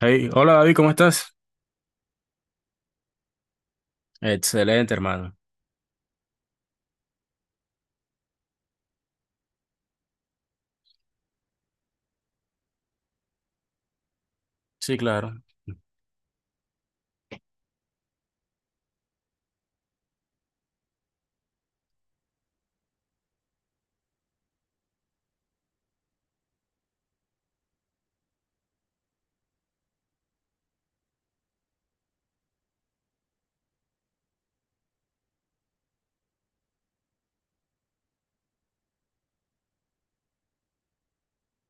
Hey, hola David, ¿cómo estás? Excelente, hermano. Sí, claro.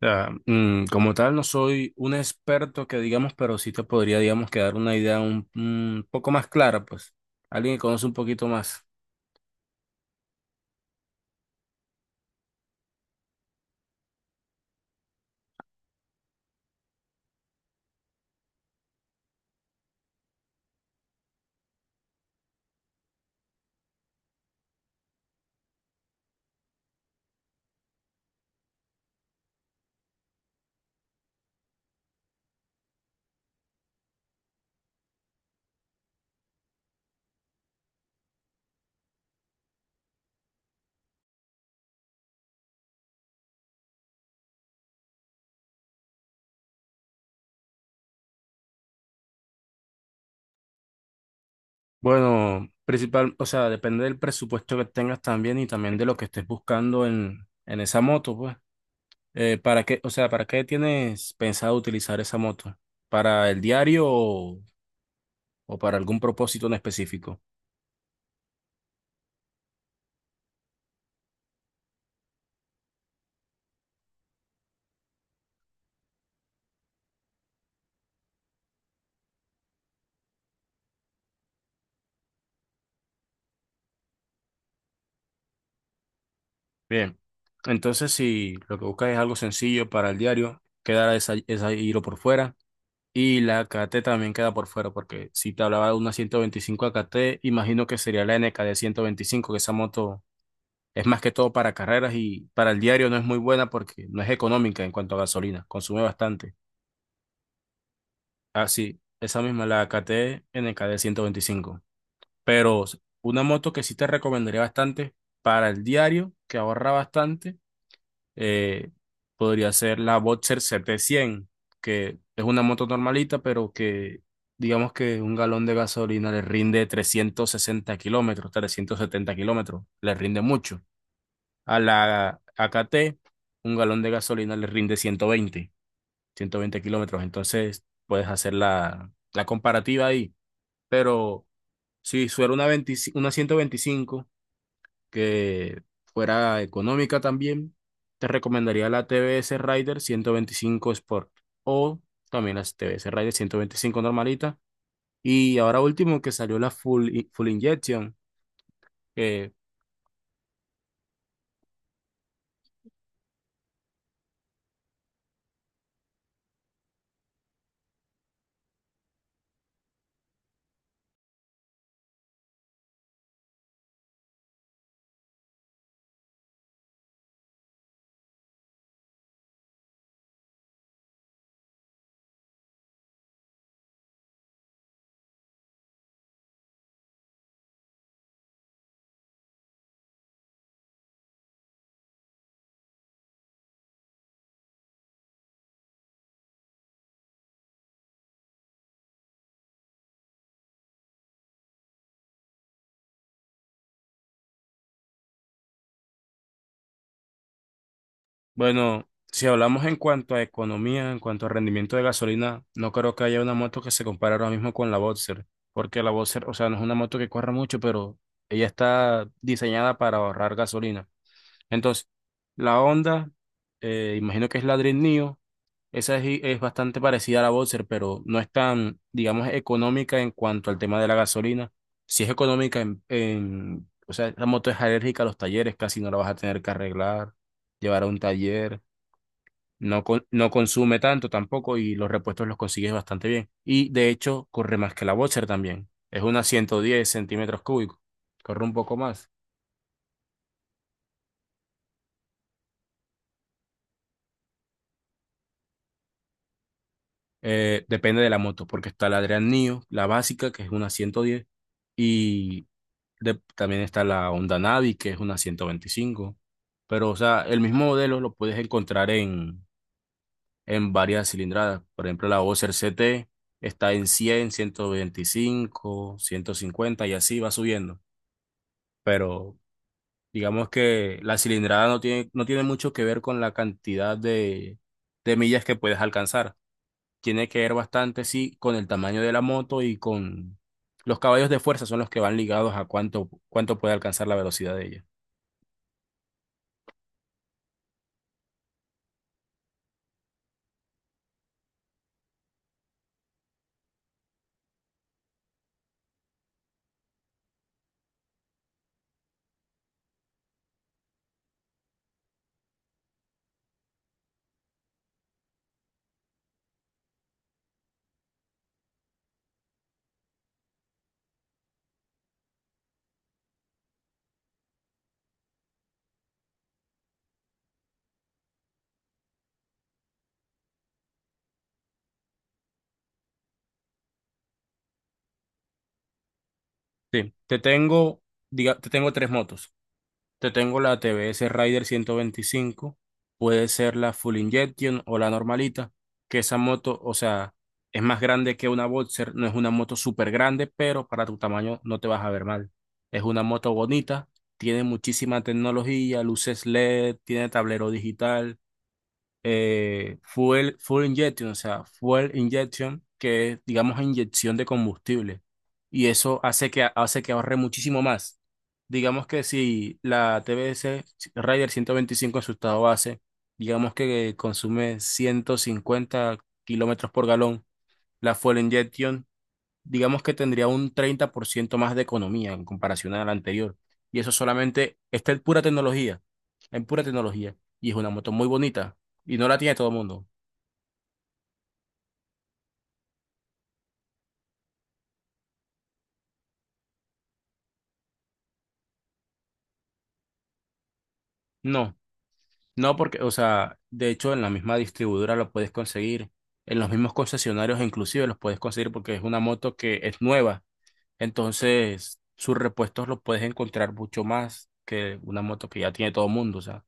O sea, como tal, no soy un experto que digamos, pero sí te podría, digamos, quedar una idea un poco más clara, pues. Alguien que conoce un poquito más. Bueno, principal, o sea, depende del presupuesto que tengas también y también de lo que estés buscando en esa moto, pues. ¿Para qué, o sea, para qué tienes pensado utilizar esa moto? ¿Para el diario o para algún propósito en específico? Bien, entonces si lo que buscas es algo sencillo para el diario, quedará esa hilo por fuera y la K T también queda por fuera, porque si te hablaba de una 125 A K T imagino que sería la N K de 125, que esa moto es más que todo para carreras y para el diario no es muy buena porque no es económica en cuanto a gasolina, consume bastante. Así, esa misma, la K T N K de 125. Pero una moto que sí te recomendaría bastante para el diario, que ahorra bastante, eh, podría ser la Boxer CT100, que es una moto normalita, pero que digamos que un galón de gasolina le rinde 360 kilómetros, 370 kilómetros, le rinde mucho. A la A K t un galón de gasolina le rinde 120 kilómetros, entonces puedes hacer la comparativa ahí. Pero si suena una 125 que fuera económica también, te recomendaría la TBS Rider 125 Sport o también las TBS Rider 125 normalita. Y ahora último que salió la full Injection, que bueno, si hablamos en cuanto a economía, en cuanto a rendimiento de gasolina, no creo que haya una moto que se compare ahora mismo con la Boxer, porque la Boxer, o sea, no es una moto que corra mucho, pero ella está diseñada para ahorrar gasolina. Entonces, la Honda, imagino que es la Dream Neo. Esa es bastante parecida a la Boxer, pero no es tan, digamos, económica en cuanto al tema de la gasolina. Si es económica o sea, la moto es alérgica a los talleres, casi no la vas a tener que arreglar, llevar a un taller, no, no consume tanto tampoco y los repuestos los consigues bastante bien. Y de hecho, corre más que la Boxer también. Es una 110 centímetros cúbicos, corre un poco más. Depende de la moto, porque está la Adrian Neo, la básica, que es una 110, y también está la Honda Navi, que es una 125. Pero, o sea, el mismo modelo lo puedes encontrar en varias cilindradas. Por ejemplo, la Boxer CT está en 100, 125, 150 y así va subiendo. Pero digamos que la cilindrada no tiene mucho que ver con la cantidad de millas que puedes alcanzar, tiene que ver bastante, sí, con el tamaño de la moto, y con los caballos de fuerza son los que van ligados a cuánto puede alcanzar la velocidad de ella. Sí, te tengo tres motos. Te tengo la TBS Rider 125, puede ser la Full Injection o la normalita, que esa moto, o sea, es más grande que una Boxer, no es una moto súper grande, pero para tu tamaño no te vas a ver mal. Es una moto bonita, tiene muchísima tecnología, luces LED, tiene tablero digital. Fuel injection, o sea, fuel injection, que es, digamos, inyección de combustible. Y eso hace que ahorre muchísimo más. Digamos que si la TBS 125 en su estado base, digamos que consume 150 kilómetros por galón, la fuel injection digamos que tendría un 30% más de economía en comparación a la anterior. Y eso solamente está en pura tecnología, en pura tecnología. Y es una moto muy bonita, y no la tiene todo el mundo. No, no porque, o sea, de hecho en la misma distribuidora lo puedes conseguir, en los mismos concesionarios inclusive los puedes conseguir porque es una moto que es nueva. Entonces, sus repuestos los puedes encontrar mucho más que una moto que ya tiene todo el mundo, o sea.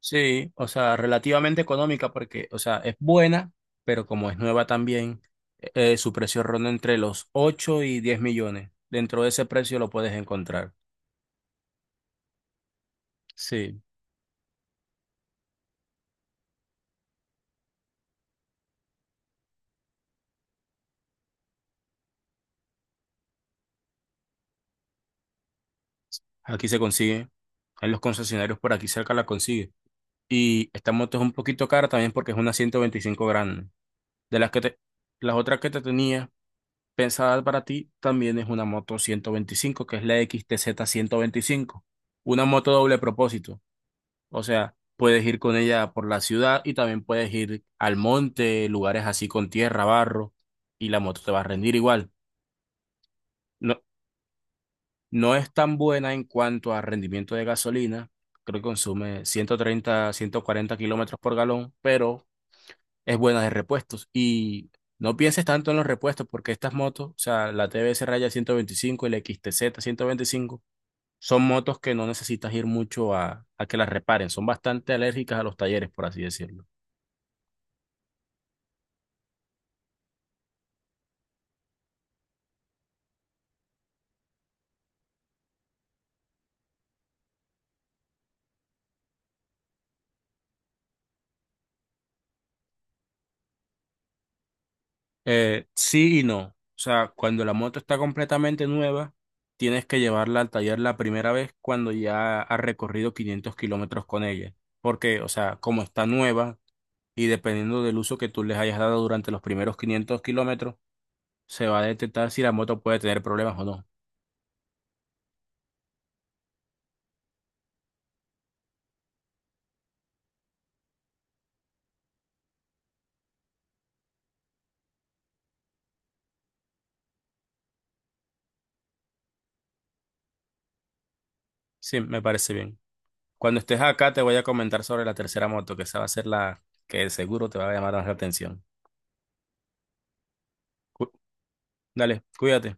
Sí, o sea, relativamente económica porque, o sea, es buena, pero como es nueva también, su precio ronda entre los 8 y 10 millones. Dentro de ese precio lo puedes encontrar. Sí, aquí se consigue. En los concesionarios por aquí cerca la consigue. Y esta moto es un poquito cara también porque es una 125 grande. De las que te, Las otras que te tenía pensadas para ti, también es una moto 125, que es la XTZ 125. Una moto doble propósito. O sea, puedes ir con ella por la ciudad y también puedes ir al monte, lugares así con tierra, barro, y la moto te va a rendir igual. No, no es tan buena en cuanto a rendimiento de gasolina, creo que consume 130, 140 kilómetros por galón, pero es buena de repuestos. Y no pienses tanto en los repuestos porque estas motos, o sea, la TBS Raya 125, y la X T Z 125, son motos que no necesitas ir mucho a que las reparen, son bastante alérgicas a los talleres, por así decirlo. Sí y no. O sea, cuando la moto está completamente nueva, tienes que llevarla al taller la primera vez cuando ya has recorrido 500 kilómetros con ella. Porque, o sea, como está nueva y dependiendo del uso que tú les hayas dado durante los primeros 500 kilómetros, se va a detectar si la moto puede tener problemas o no. Sí, me parece bien. Cuando estés acá, te voy a comentar sobre la tercera moto, que esa va a ser la que seguro te va a llamar más la atención. Cu- Dale, cuídate.